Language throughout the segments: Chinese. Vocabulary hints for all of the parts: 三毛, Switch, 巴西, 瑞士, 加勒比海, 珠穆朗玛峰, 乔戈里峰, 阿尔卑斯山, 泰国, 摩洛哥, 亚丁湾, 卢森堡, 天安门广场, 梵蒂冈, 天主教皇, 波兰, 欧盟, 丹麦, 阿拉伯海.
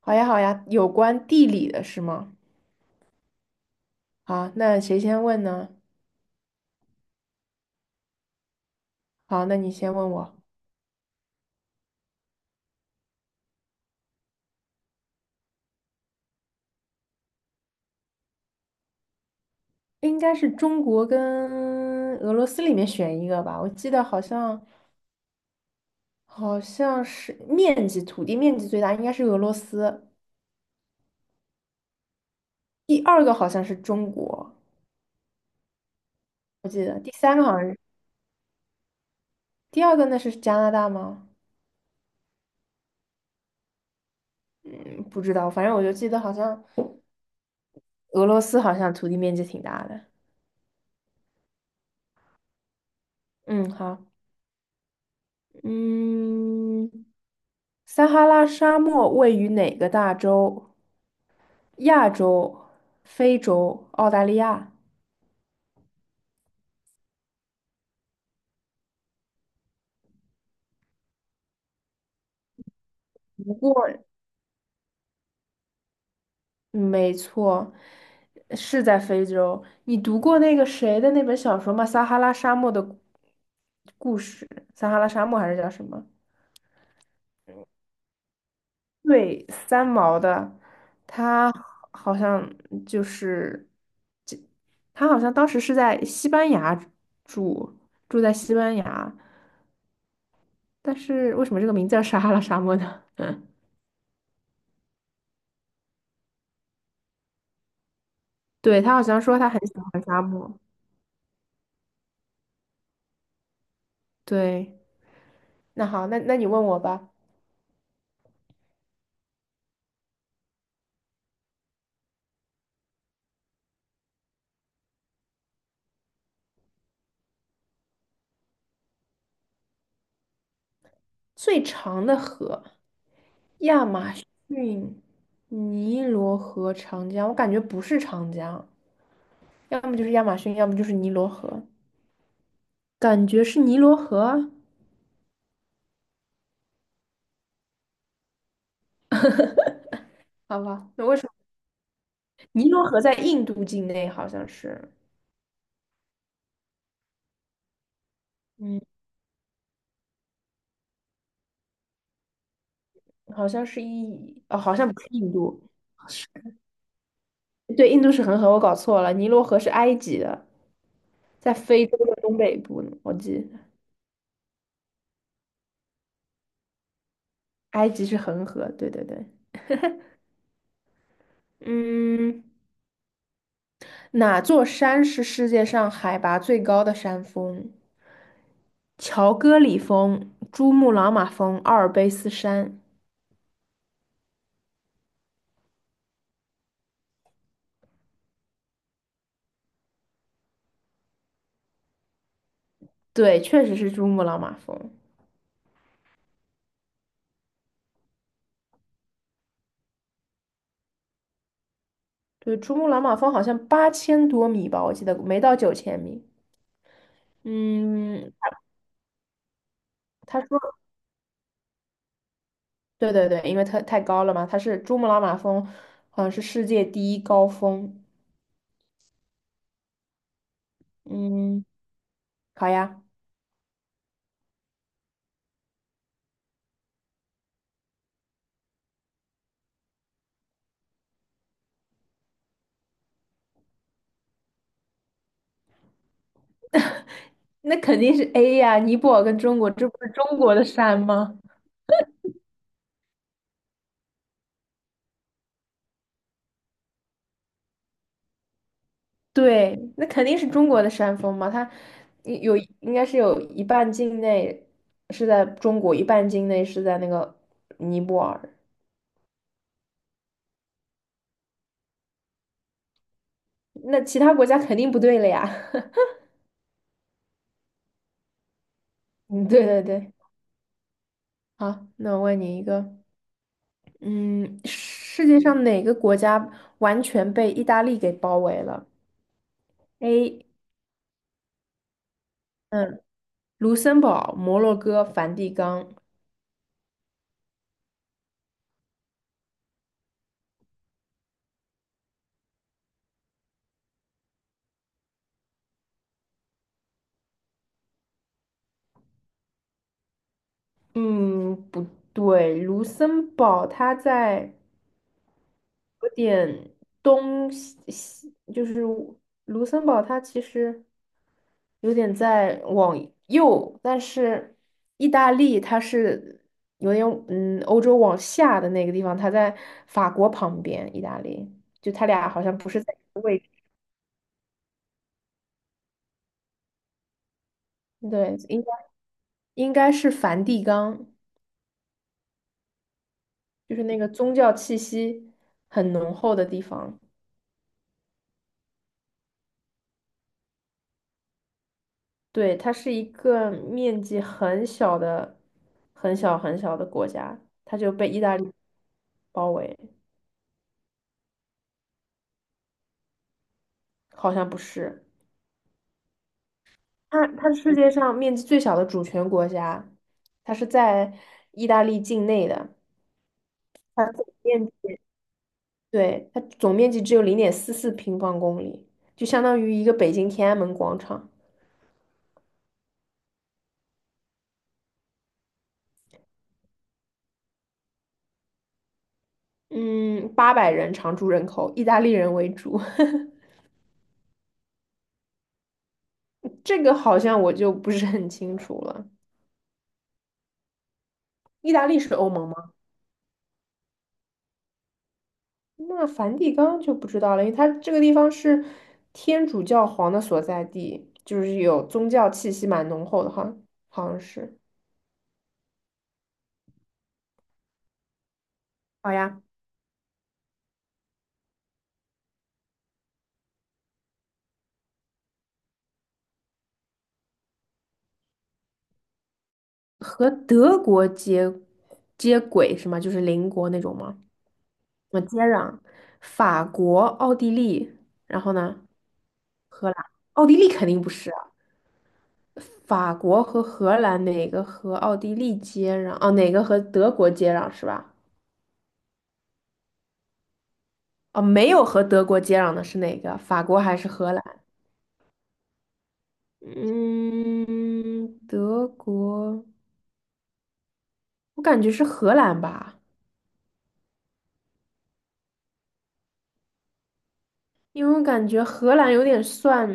好呀，好呀，有关地理的是吗？好，那谁先问呢？好，那你先问我，应该是中国跟俄罗斯里面选一个吧。我记得好像是面积，土地面积最大应该是俄罗斯，第二个好像是中国，我记得第二个那是加拿大吗？嗯，不知道，反正我就记得好像俄罗斯好像土地面积挺大的。嗯，好，嗯，撒哈拉沙漠位于哪个大洲？亚洲、非洲、澳大利亚。不过，嗯没错，是在非洲。你读过那个谁的那本小说吗？《撒哈拉沙漠的故事》，撒哈拉沙漠还是叫什么？对，三毛的，他好像就是，这他好像当时是在西班牙住，住在西班牙，但是为什么这个名字叫撒哈拉沙漠呢？嗯，对，他好像说他很喜欢沙漠，对。那好，那你问我吧。最长的河，亚马逊、尼罗河、长江，我感觉不是长江，要么就是亚马逊，要么就是尼罗河，感觉是尼罗河啊。好吧，那为什么尼罗河在印度境内？好像是，嗯，好像是一，哦，好像不是印度，是对，印度是恒河，我搞错了。尼罗河是埃及的，在非洲的东北部呢我记得埃及是恒河，对对对，嗯。哪座山是世界上海拔最高的山峰？乔戈里峰、珠穆朗玛峰、阿尔卑斯山。对，确实是珠穆朗玛峰。对，珠穆朗玛峰好像8000多米吧，我记得没到9000米。嗯，他说，对对对，因为它太高了嘛，它是珠穆朗玛峰，好像是世界第一高峰。嗯，好呀，那肯定是 A 呀，尼泊尔跟中国，这不是中国的山吗？对，那肯定是中国的山峰嘛，它应该是有一半境内是在中国，一半境内是在那个尼泊尔，那其他国家肯定不对了呀。嗯，对对对，好，那我问你一个，嗯，世界上哪个国家完全被意大利给包围了？A，嗯，卢森堡、摩洛哥、梵蒂冈。嗯，不对，卢森堡它在。有点东西，西就是卢森堡，它其实有点在往右，但是意大利它是有点欧洲往下的那个地方，它在法国旁边，意大利就它俩好像不是在一个位置，对，应该是梵蒂冈，就是那个宗教气息很浓厚的地方。对，它是一个面积很小的、很小很小的国家，它就被意大利包围，好像不是。它是世界上面积最小的主权国家，它是在意大利境内的，它总面积，对，它总面积只有0.44平方公里，就相当于一个北京天安门广场。嗯，800人常住人口，意大利人为主，这个好像我就不是很清楚了。意大利是欧盟吗？那梵蒂冈就不知道了，因为它这个地方是天主教皇的所在地，就是有宗教气息蛮浓厚的哈，好像是。好呀，和德国接轨是吗？就是邻国那种吗？我接壤，法国、奥地利，然后呢，荷兰，奥地利肯定不是啊，法国和荷兰哪个和奥地利接壤？哦，哪个和德国接壤是吧？哦，没有和德国接壤的是哪个？法国还是荷兰？嗯，德国，我感觉是荷兰吧，因为我感觉荷兰有点算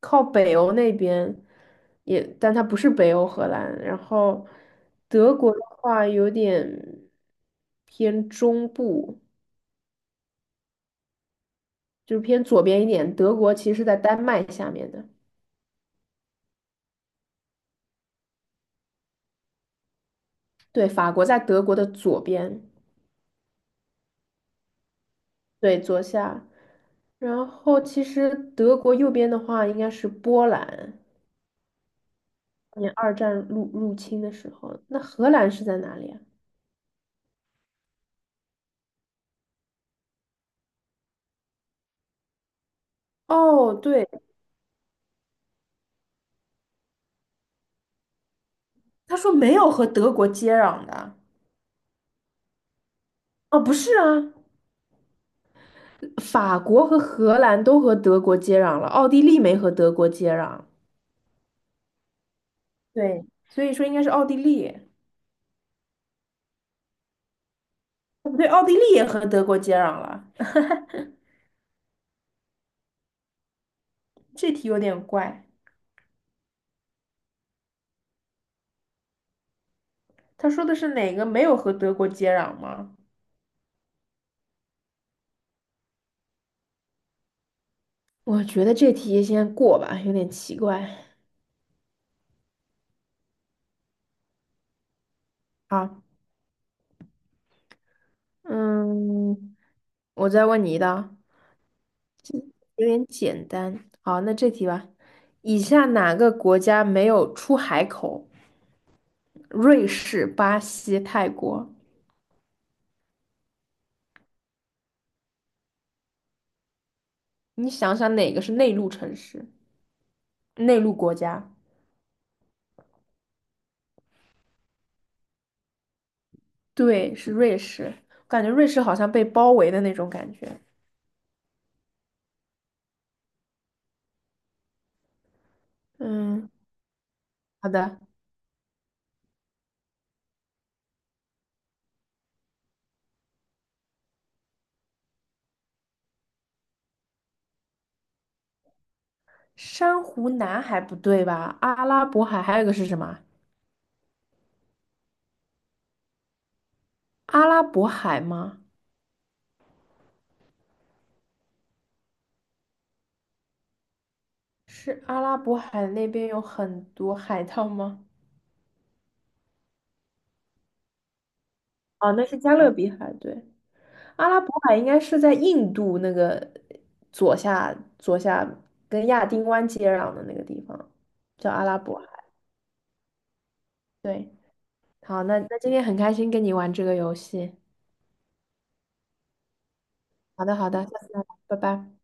靠北欧那边，也，但它不是北欧荷兰。然后德国的话有点偏中部，就是偏左边一点。德国其实是在丹麦下面的，对，法国在德国的左边，对，左下。然后其实德国右边的话应该是波兰。年二战入侵的时候，那荷兰是在哪里啊？哦，对，他说没有和德国接壤的，哦，不是啊，法国和荷兰都和德国接壤了，奥地利没和德国接壤。对，所以说应该是奥地利，哦不对，奥地利也和德国接壤了。这题有点怪，他说的是哪个没有和德国接壤吗？我觉得这题先过吧，有点奇怪。好，嗯，我再问你一道。有点简单。好，那这题吧。以下哪个国家没有出海口？瑞士、巴西、泰国。你想想哪个是内陆城市、内陆国家？对，是瑞士。感觉瑞士好像被包围的那种感觉。嗯，好的。珊瑚南海不对吧？阿拉伯海还有一个是什么？阿拉伯海吗？是阿拉伯海那边有很多海盗吗？哦，那是加勒比海，对。阿拉伯海应该是在印度那个左下左下跟亚丁湾接壤的那个地方，叫阿拉伯海。对，好，那今天很开心跟你玩这个游戏。好的，好的，下次再聊，拜拜。